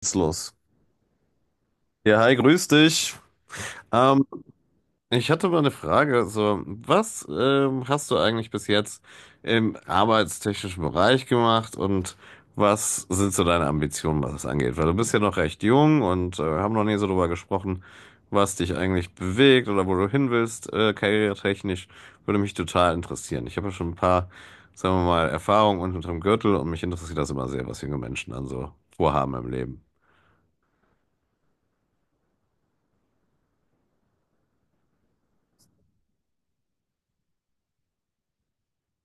Geht's los. Ja, hi, grüß dich. Ähm, ich hatte mal eine Frage. So, was hast du eigentlich bis jetzt im arbeitstechnischen Bereich gemacht und was sind so deine Ambitionen, was das angeht? Weil du bist ja noch recht jung und haben noch nie so drüber gesprochen, was dich eigentlich bewegt oder wo du hin willst, karrieretechnisch. Würde mich total interessieren. Ich habe ja schon ein paar, sagen wir mal, Erfahrungen unterm Gürtel und mich interessiert das immer sehr, was junge Menschen dann so vorhaben im Leben.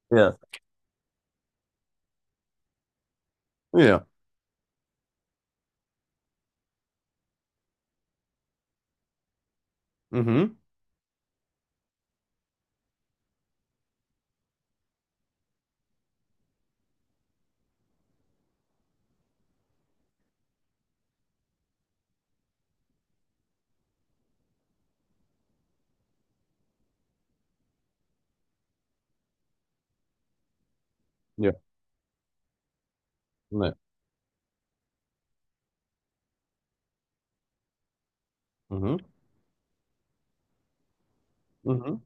Ja. Ja. Mhm. Nee. Mhm. Mhm.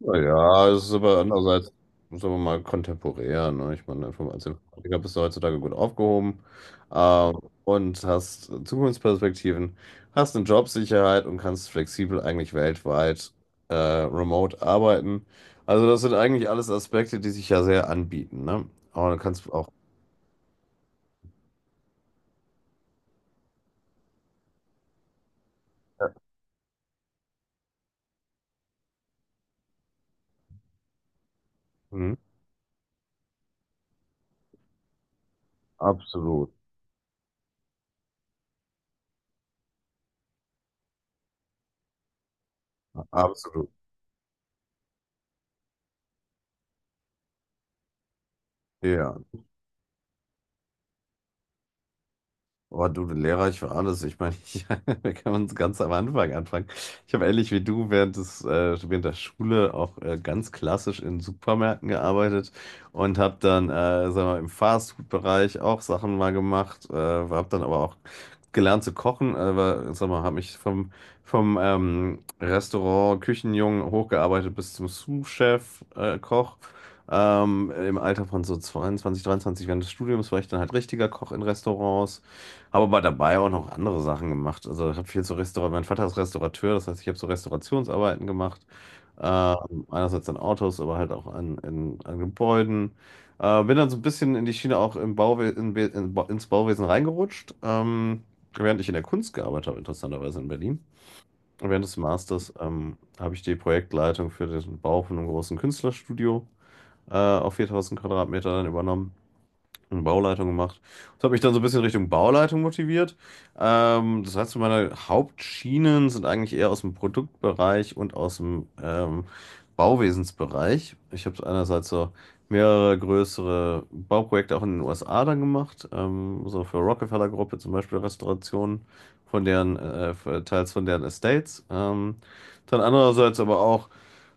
Na ja, es ist aber andererseits, sagen wir mal, kontemporär. Ne? Ich meine, als Informatiker bist du heutzutage gut aufgehoben, ähm, und hast Zukunftsperspektiven, hast eine Jobsicherheit und kannst flexibel eigentlich weltweit remote arbeiten. Also das sind eigentlich alles Aspekte, die sich ja sehr anbieten. Ne? Aber du kannst auch, mhm. Absolut, absolut. Ja, oh, du Lehrer, ich war alles. Ich meine, wir können uns ganz am Anfang anfangen. Ich habe ähnlich wie du während der Schule auch ganz klassisch in Supermärkten gearbeitet und habe dann, sagen wir, im Fastfood-Bereich auch Sachen mal gemacht, habe dann aber auch gelernt zu kochen, aber sag mal, habe mich vom, vom Restaurant Küchenjungen hochgearbeitet bis zum Sous-Chef, Koch. Im Alter von so 22, 23 während des Studiums war ich dann halt richtiger Koch in Restaurants. Habe aber dabei auch noch andere Sachen gemacht. Also ich habe viel zu Restaurant. Mein Vater ist Restaurateur, das heißt, ich habe so Restaurationsarbeiten gemacht. Einerseits an Autos, aber halt auch an Gebäuden. Bin dann so ein bisschen in die Schiene auch im Bauwe in, Be- in, Ba- ins Bauwesen reingerutscht, während ich in der Kunst gearbeitet habe, interessanterweise in Berlin. Und während des Masters habe ich die Projektleitung für den Bau von einem großen Künstlerstudio auf 4000 Quadratmeter dann übernommen und Bauleitung gemacht. Das hat mich dann so ein bisschen Richtung Bauleitung motiviert. Das heißt, meine Hauptschienen sind eigentlich eher aus dem Produktbereich und aus dem Bauwesensbereich. Ich habe einerseits so mehrere größere Bauprojekte auch in den USA dann gemacht, so für Rockefeller Gruppe zum Beispiel Restaurationen von deren, teils von deren Estates. Dann andererseits aber auch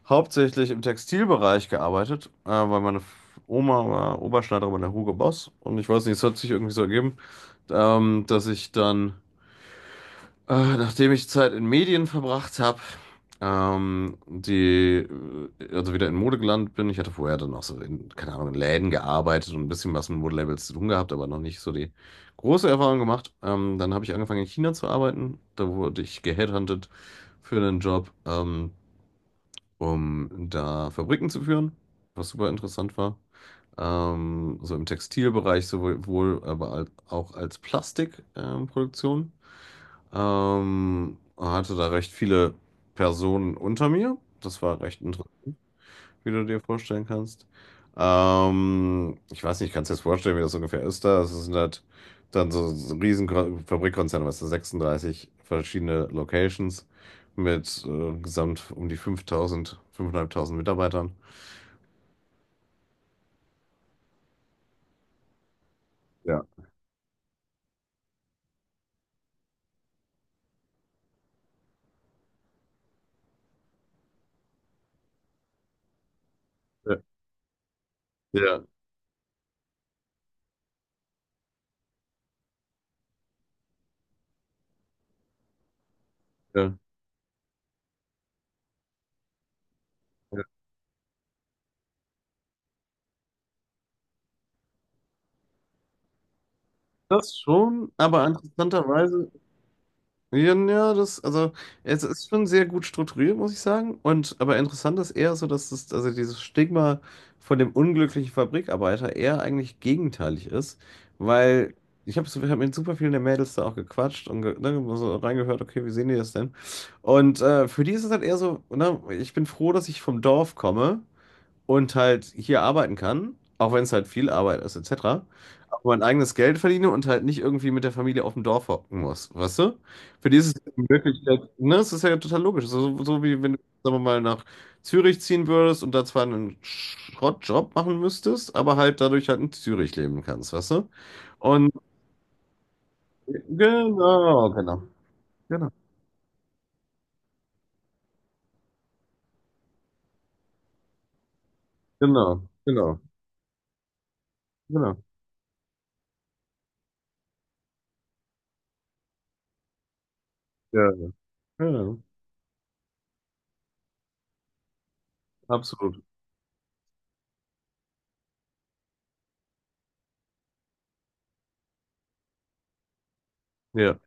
hauptsächlich im Textilbereich gearbeitet, weil meine Oma war Oberschneiderin bei der Hugo Boss und ich weiß nicht, es hat sich irgendwie so ergeben, dass ich dann, nachdem ich Zeit in Medien verbracht habe, ähm, die, also wieder in Mode gelandet bin. Ich hatte vorher dann auch so keine Ahnung, in Läden gearbeitet und ein bisschen was mit Modelabels zu tun gehabt, aber noch nicht so die große Erfahrung gemacht. Dann habe ich angefangen in China zu arbeiten. Da wurde ich geheadhuntet für einen Job. Um da Fabriken zu führen, was super interessant war. So im Textilbereich sowohl, aber auch als Plastikproduktion. Hatte da recht viele Personen unter mir. Das war recht interessant, wie du dir vorstellen kannst. Ich weiß nicht, kannst du dir das vorstellen, wie das ungefähr ist da? Das sind halt dann so ein riesen Fabrikkonzern, was da 36 verschiedene Locations mit gesamt um die 5000, 5.500 Mitarbeitern. Ja, ja, ja. Ja. Ja. Das schon, aber interessanterweise, ja, ja, also, es ist schon sehr gut strukturiert, muss ich sagen. Und, aber interessant ist eher so, dass das, also dieses Stigma von dem unglücklichen Fabrikarbeiter eher eigentlich gegenteilig ist, weil ich hab mit super vielen der Mädels da auch gequatscht und ne, so reingehört, okay, wie sehen die das denn? Und für die ist es halt eher so, ne, ich bin froh, dass ich vom Dorf komme und halt hier arbeiten kann, auch wenn es halt viel Arbeit ist, etc. Aber mein eigenes Geld verdiene und halt nicht irgendwie mit der Familie auf dem Dorf hocken muss, weißt du? Für die ist es ja wirklich, ne, es ist ja total logisch. So wie wenn du, sagen wir mal, nach Zürich ziehen würdest und da zwar einen Schrottjob machen müsstest, aber halt dadurch halt in Zürich leben kannst, weißt du? Und genau, genau, genau, genau, genau, genau, ja, ja, ja, absolut, ja,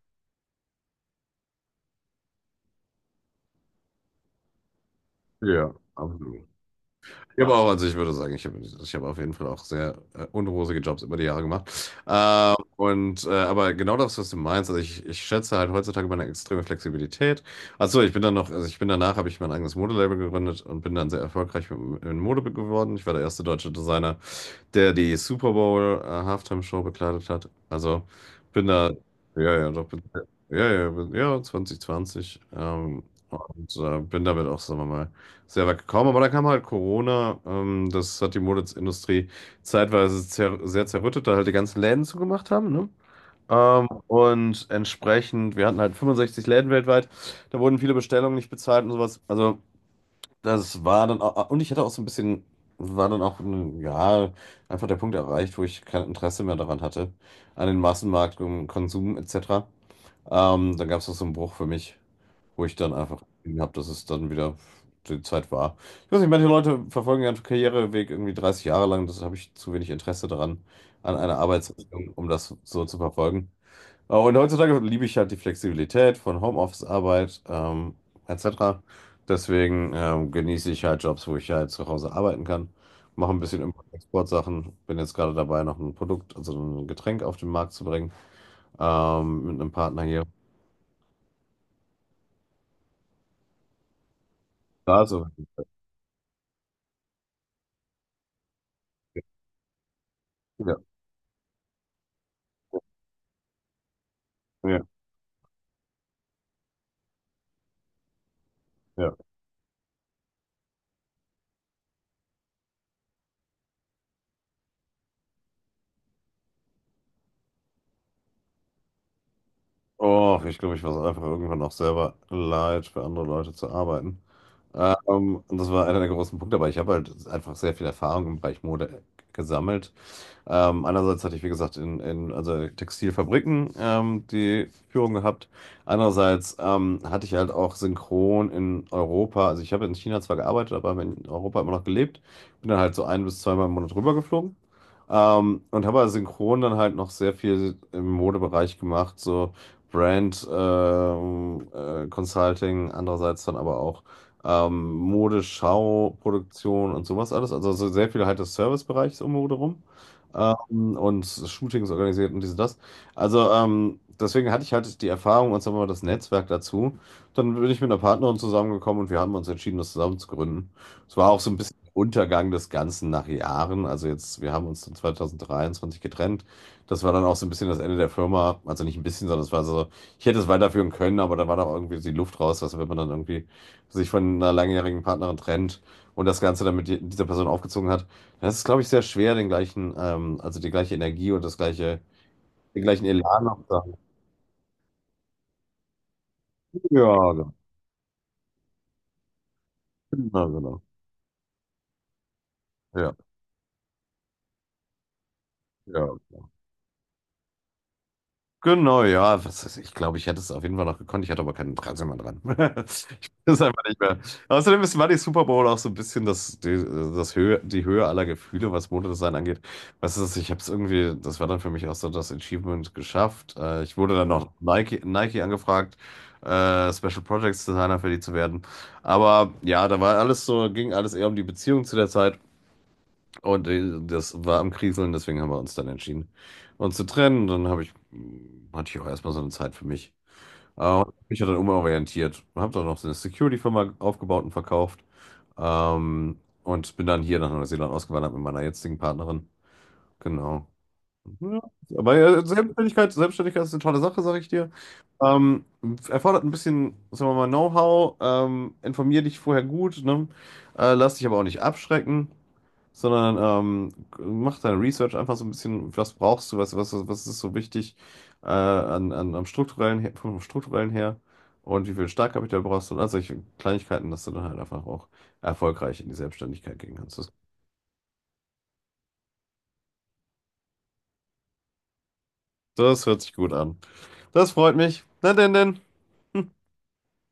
ja, absolut. Ich habe auch, also ich würde sagen, ich hab auf jeden Fall auch sehr unrosige Jobs über die Jahre gemacht. Und aber genau das, was du meinst, also ich schätze halt heutzutage meine extreme Flexibilität. Achso, ich bin dann noch, also ich bin danach, habe ich mein eigenes Modelabel gegründet und bin dann sehr erfolgreich in Mode geworden. Ich war der erste deutsche Designer, der die Super Bowl Halftime Show bekleidet hat. Also bin da, ja, ja, doch, ja, ja, ja, 2020. Und bin damit auch, sagen wir mal, sehr weit gekommen. Aber da kam halt Corona. Das hat die Modeindustrie zeitweise zer sehr zerrüttet, da halt die ganzen Läden zugemacht haben, ne? Und entsprechend, wir hatten halt 65 Läden weltweit. Da wurden viele Bestellungen nicht bezahlt und sowas. Also das war dann auch, und ich hatte auch so ein bisschen, war dann auch, ja, einfach der Punkt erreicht, wo ich kein Interesse mehr daran hatte, an den Massenmarkt, um Konsum etc. Dann gab es auch so einen Bruch für mich, wo ich dann einfach habe, dass es dann wieder die Zeit war. Ich weiß nicht, manche Leute verfolgen ihren Karriereweg irgendwie 30 Jahre lang, das habe ich zu wenig Interesse daran, an einer Arbeitsrichtung, um das so zu verfolgen. Und heutzutage liebe ich halt die Flexibilität von Homeoffice-Arbeit, etc. Deswegen genieße ich halt Jobs, wo ich halt zu Hause arbeiten kann. Mache ein bisschen Import- und Exportsachen. Bin jetzt gerade dabei, noch ein Produkt, also ein Getränk auf den Markt zu bringen, mit einem Partner hier. Also, ja, ja, ja. Oh, ich glaube, ich war es einfach irgendwann auch selber leid, für andere Leute zu arbeiten. Und das war einer der großen Punkte, aber ich habe halt einfach sehr viel Erfahrung im Bereich Mode gesammelt. Andererseits hatte ich, wie gesagt, in also Textilfabriken die Führung gehabt. Andererseits hatte ich halt auch synchron in Europa, also ich habe in China zwar gearbeitet, aber habe in Europa immer noch gelebt. Bin dann halt so ein bis zweimal im Monat rübergeflogen. Und habe also synchron dann halt noch sehr viel im Modebereich gemacht, so Brand Consulting, andererseits dann aber auch Modeschau, Produktion und sowas alles. Also so sehr viel halt des Servicebereichs um Mode rum, und Shootings organisiert und dies und das. Also deswegen hatte ich halt die Erfahrung und sagen wir mal das Netzwerk dazu. Dann bin ich mit einer Partnerin zusammengekommen und wir haben uns entschieden, das zusammen zu gründen. Es war auch so ein bisschen Untergang des Ganzen nach Jahren. Also jetzt, wir haben uns dann 2023 getrennt. Das war dann auch so ein bisschen das Ende der Firma. Also nicht ein bisschen, sondern es war so, ich hätte es weiterführen können, aber da war doch irgendwie die Luft raus, was, wenn man dann irgendwie sich von einer langjährigen Partnerin trennt und das Ganze dann mit dieser Person aufgezogen hat. Das ist glaube ich, sehr schwer, also die gleiche Energie und den gleichen Elan noch zu haben. Ja, genau. Ja, genau. Ja, ja. Genau, ja, was weiß ich glaube, ich hätte es auf jeden Fall noch gekonnt. Ich hatte aber kein Interesse mehr dran. Ich bin es einfach nicht mehr. Außerdem war die Super Bowl auch so ein bisschen das, die Höhe aller Gefühle, was Modedesign angeht. Weißt du, ich habe es irgendwie, das war dann für mich auch so das Achievement geschafft. Ich wurde dann noch Nike angefragt, Special Projects Designer für die zu werden. Aber ja, da war alles so, ging alles eher um die Beziehung zu der Zeit. Und das war am Kriseln, deswegen haben wir uns dann entschieden, uns zu trennen. Dann hatte ich auch erstmal so eine Zeit für mich. Äh, ich habe dann umorientiert, habe dann noch so eine Security-Firma aufgebaut und verkauft. Ähm, und bin dann hier nach Neuseeland ausgewandert mit meiner jetzigen Partnerin. Genau. Ja, aber ja, Selbstständigkeit ist eine tolle Sache, sage ich dir. Ähm, erfordert ein bisschen, sagen wir mal, Know-how. Informier dich vorher gut, ne? Lass dich aber auch nicht abschrecken, sondern ähm, mach deine Research einfach so ein bisschen, was brauchst du, was ist so wichtig, am strukturellen, vom strukturellen her und wie viel Startkapital brauchst du und all solche Kleinigkeiten, dass du dann halt einfach auch erfolgreich in die Selbstständigkeit gehen kannst. Das hört sich gut an. Das freut mich. Na denn, denn.